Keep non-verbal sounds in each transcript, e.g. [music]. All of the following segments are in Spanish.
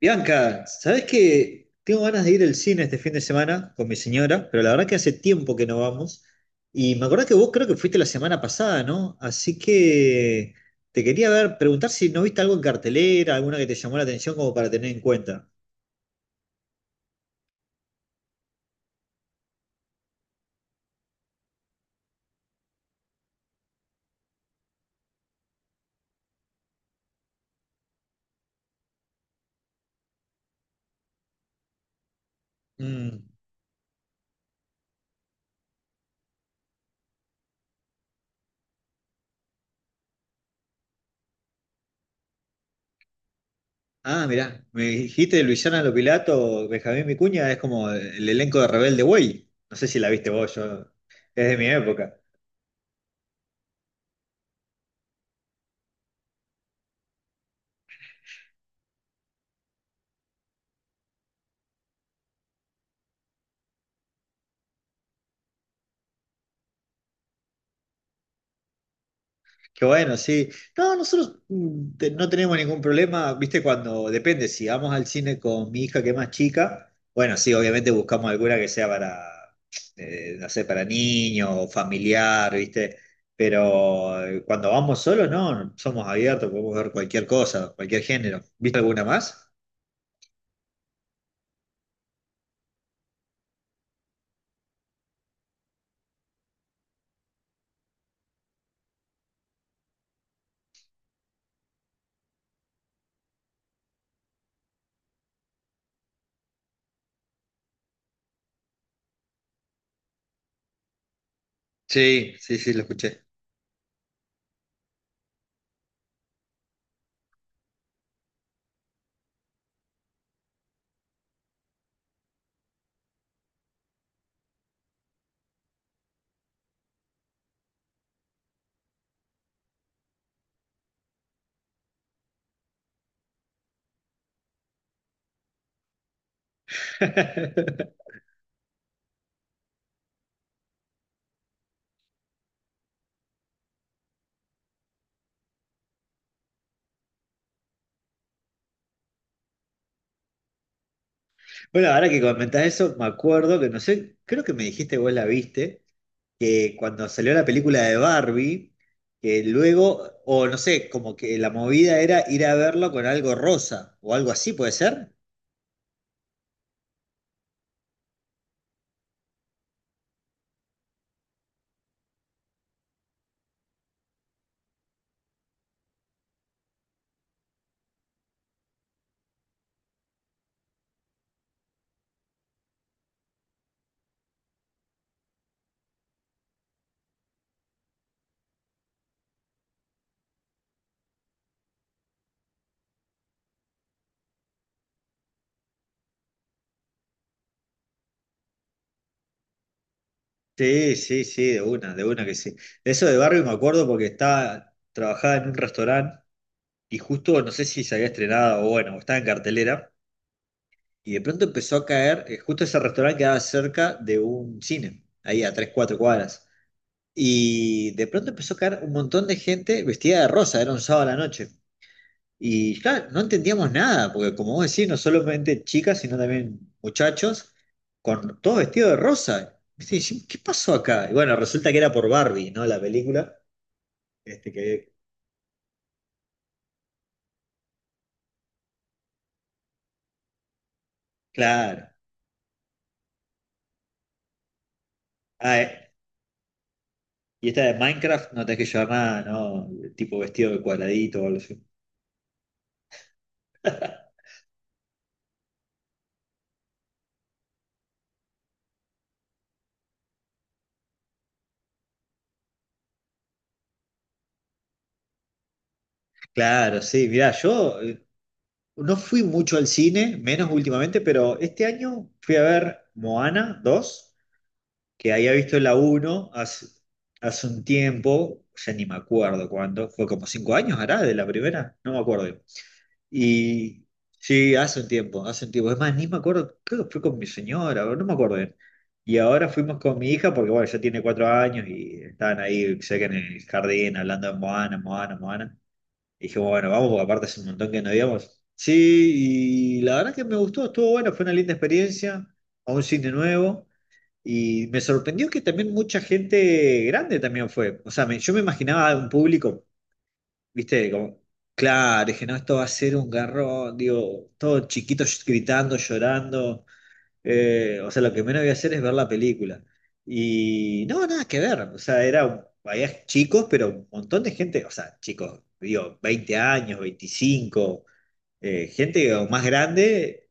Bianca, ¿sabés que tengo ganas de ir al cine este fin de semana con mi señora? Pero la verdad que hace tiempo que no vamos. Y me acordás que vos creo que fuiste la semana pasada, ¿no? Así que te quería ver, preguntar si no viste algo en cartelera, alguna que te llamó la atención como para tener en cuenta. Mm. Ah, mirá, me dijiste de Luisana Lopilato, Benjamín Vicuña, es como el elenco de Rebelde Way. No sé si la viste vos, yo, es de mi época. Qué bueno, sí. No, nosotros no tenemos ningún problema, viste, cuando depende, si vamos al cine con mi hija que es más chica, bueno, sí, obviamente buscamos alguna que sea para, no sé, para niños o familiar, viste, pero cuando vamos solos, no, somos abiertos, podemos ver cualquier cosa, cualquier género. ¿Viste alguna más? Sí, sí, sí, lo escuché. [laughs] Bueno, ahora que comentás eso, me acuerdo que no sé, creo que me dijiste vos la viste. Que cuando salió la película de Barbie, que luego, o no sé, como que la movida era ir a verlo con algo rosa o algo así, ¿puede ser? Sí, sí, sí, de una que sí. Eso de Barbie me acuerdo porque estaba, trabajaba en un restaurante y justo, no sé si se había estrenado o bueno, o estaba en cartelera, y de pronto empezó a caer, justo ese restaurante quedaba cerca de un cine, ahí a tres, cuatro cuadras. Y de pronto empezó a caer un montón de gente vestida de rosa, era un sábado a la noche. Y claro, no entendíamos nada, porque como vos decís, no solamente chicas, sino también muchachos, con todo vestido de rosa. Viste, y dijimos, ¿qué pasó acá? Y bueno, resulta que era por Barbie, ¿no? La película. Este que, claro. Ah, y esta de Minecraft, no tenés que llevar nada, ¿no? Tipo vestido de cuadradito o algo así. [laughs] Claro, sí, mirá, yo, no fui mucho al cine, menos últimamente, pero este año fui a ver Moana dos que había visto la uno hace, hace un tiempo, ya ni me acuerdo cuándo, fue como 5 años, hará, de la primera, no me acuerdo. Y sí, hace un tiempo, hace un tiempo. Es más, ni me acuerdo, creo que fue con mi señora, o no me acuerdo bien. Y ahora fuimos con mi hija, porque bueno, ya tiene 4 años y estaban ahí, sé que en el jardín, hablando de Moana, Moana, Moana. Y dijimos, bueno, vamos, porque aparte hace un montón que no íbamos. Sí, y la verdad que me gustó, estuvo bueno, fue una linda experiencia, a un cine nuevo. Y me sorprendió que también mucha gente grande también fue. O sea, yo me imaginaba un público, viste, como, claro, dije, no, esto va a ser un garrón, digo, todos chiquitos gritando, llorando. O sea, lo que menos voy a hacer es ver la película. Y no, nada que ver. O sea, era, había chicos, pero un montón de gente, o sea, chicos, digo, 20 años, 25, gente o más grande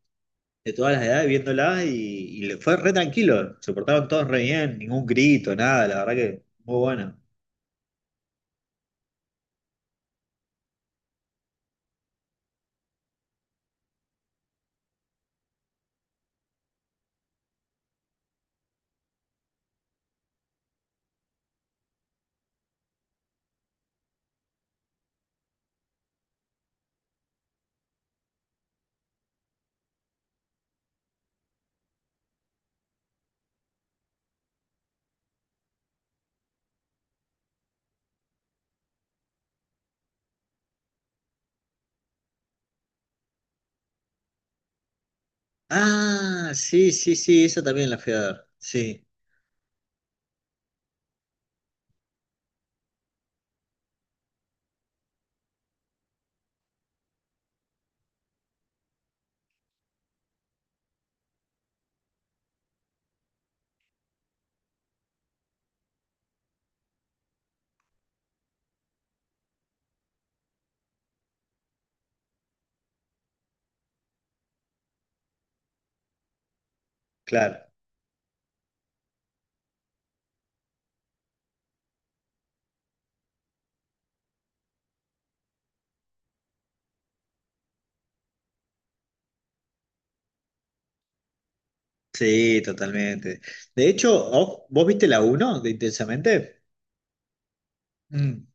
de todas las edades viéndolas y le fue re tranquilo. Se portaban todos re bien, ningún grito, nada, la verdad que muy bueno. Ah, sí, sí, sí, esa también la fui a ver. Sí, claro. Sí, totalmente. De hecho, ¿vos viste la uno de Intensamente? Mm.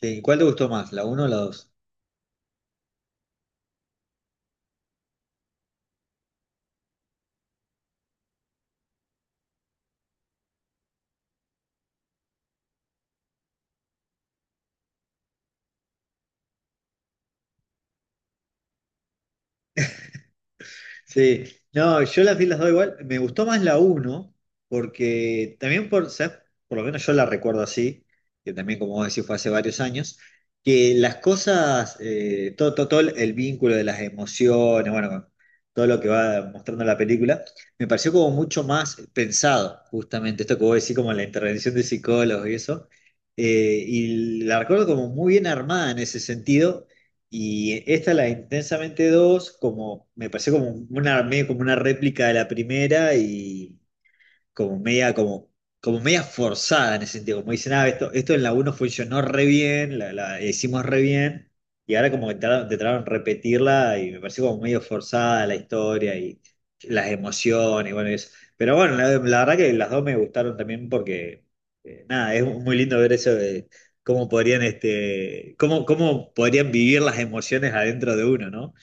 Sí, ¿cuál te gustó más, la uno o la dos? Sí, no, yo las vi las dos igual. Me gustó más la uno porque también por, ¿sabes? Por lo menos yo la recuerdo así, que también, como vos decís, fue hace varios años, que las cosas, todo el vínculo de las emociones, bueno, todo lo que va mostrando la película, me pareció como mucho más pensado, justamente, esto que vos decís, como la intervención de psicólogos y eso. Eh, y la recuerdo como muy bien armada en ese sentido. Y esta, la de Intensamente dos como, me pareció como una, medio como una réplica de la primera y, como media, como, como media forzada en ese sentido. Como dicen, ah, esto en la uno funcionó re bien, la hicimos re bien, y ahora como que trataron de repetirla y me pareció como medio forzada la historia y las emociones, y bueno, y eso. Pero bueno, la verdad que las dos me gustaron también porque, nada, es muy lindo ver eso de cómo podrían, este, cómo podrían vivir las emociones adentro de uno, ¿no?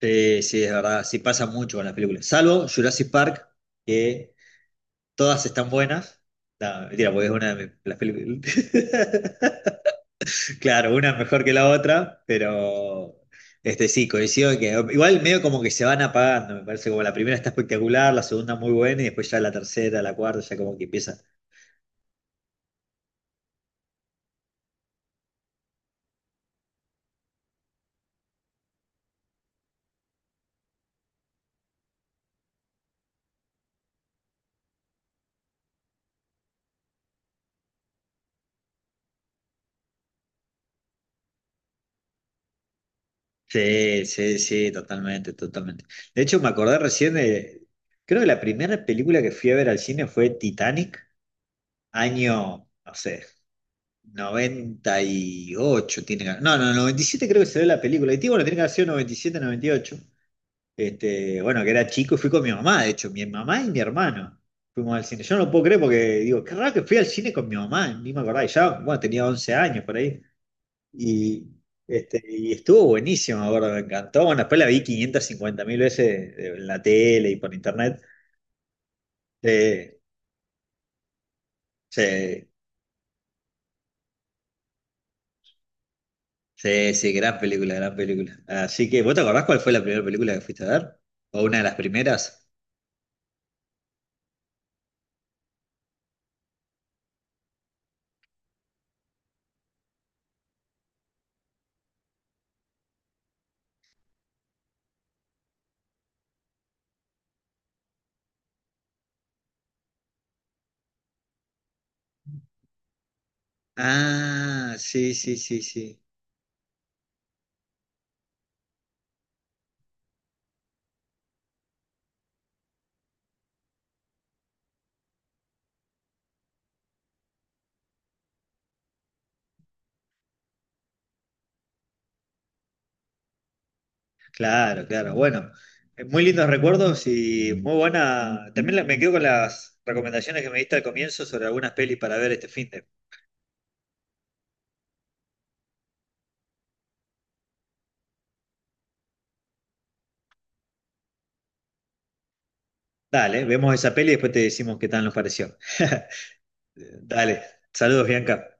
Sí, sí, es verdad, sí pasa mucho con las películas. Salvo Jurassic Park, que todas están buenas. No, mentira, porque es una de las películas. [laughs] Claro, una mejor que la otra, pero este sí, coincido en que igual medio como que se van apagando, me parece como la primera está espectacular, la segunda muy buena y después ya la tercera, la cuarta, ya como que empieza. Sí, sí, sí, totalmente, totalmente. De hecho, me acordé recién de, creo que la primera película que fui a ver al cine fue Titanic, año, no sé, 98 tiene que- No, no, 97 creo que se ve la película. Bueno, tiene que haber sido 97, 98. Este, bueno, que era chico y fui con mi mamá, de hecho, mi mamá y mi hermano fuimos al cine. Yo no lo puedo creer porque digo, qué raro que fui al cine con mi mamá, ni me acordaba. Y ya, bueno, tenía 11 años por ahí. Y, este, y estuvo buenísimo, me acuerdo, me encantó. Bueno, después la vi 550.000 veces en la tele y por internet. Eh, sí, sí, sí, gran película, gran película. Así que, ¿vos te acordás cuál fue la primera película que fuiste a ver? ¿O una de las primeras? Ah, sí, sí, sí, sí. Claro, claro. Bueno, muy lindos recuerdos y muy buena. También me quedo con las recomendaciones que me diste al comienzo sobre algunas pelis para ver este fin de. Dale, vemos esa peli y después te decimos qué tal nos pareció. [laughs] Dale, saludos, Bianca.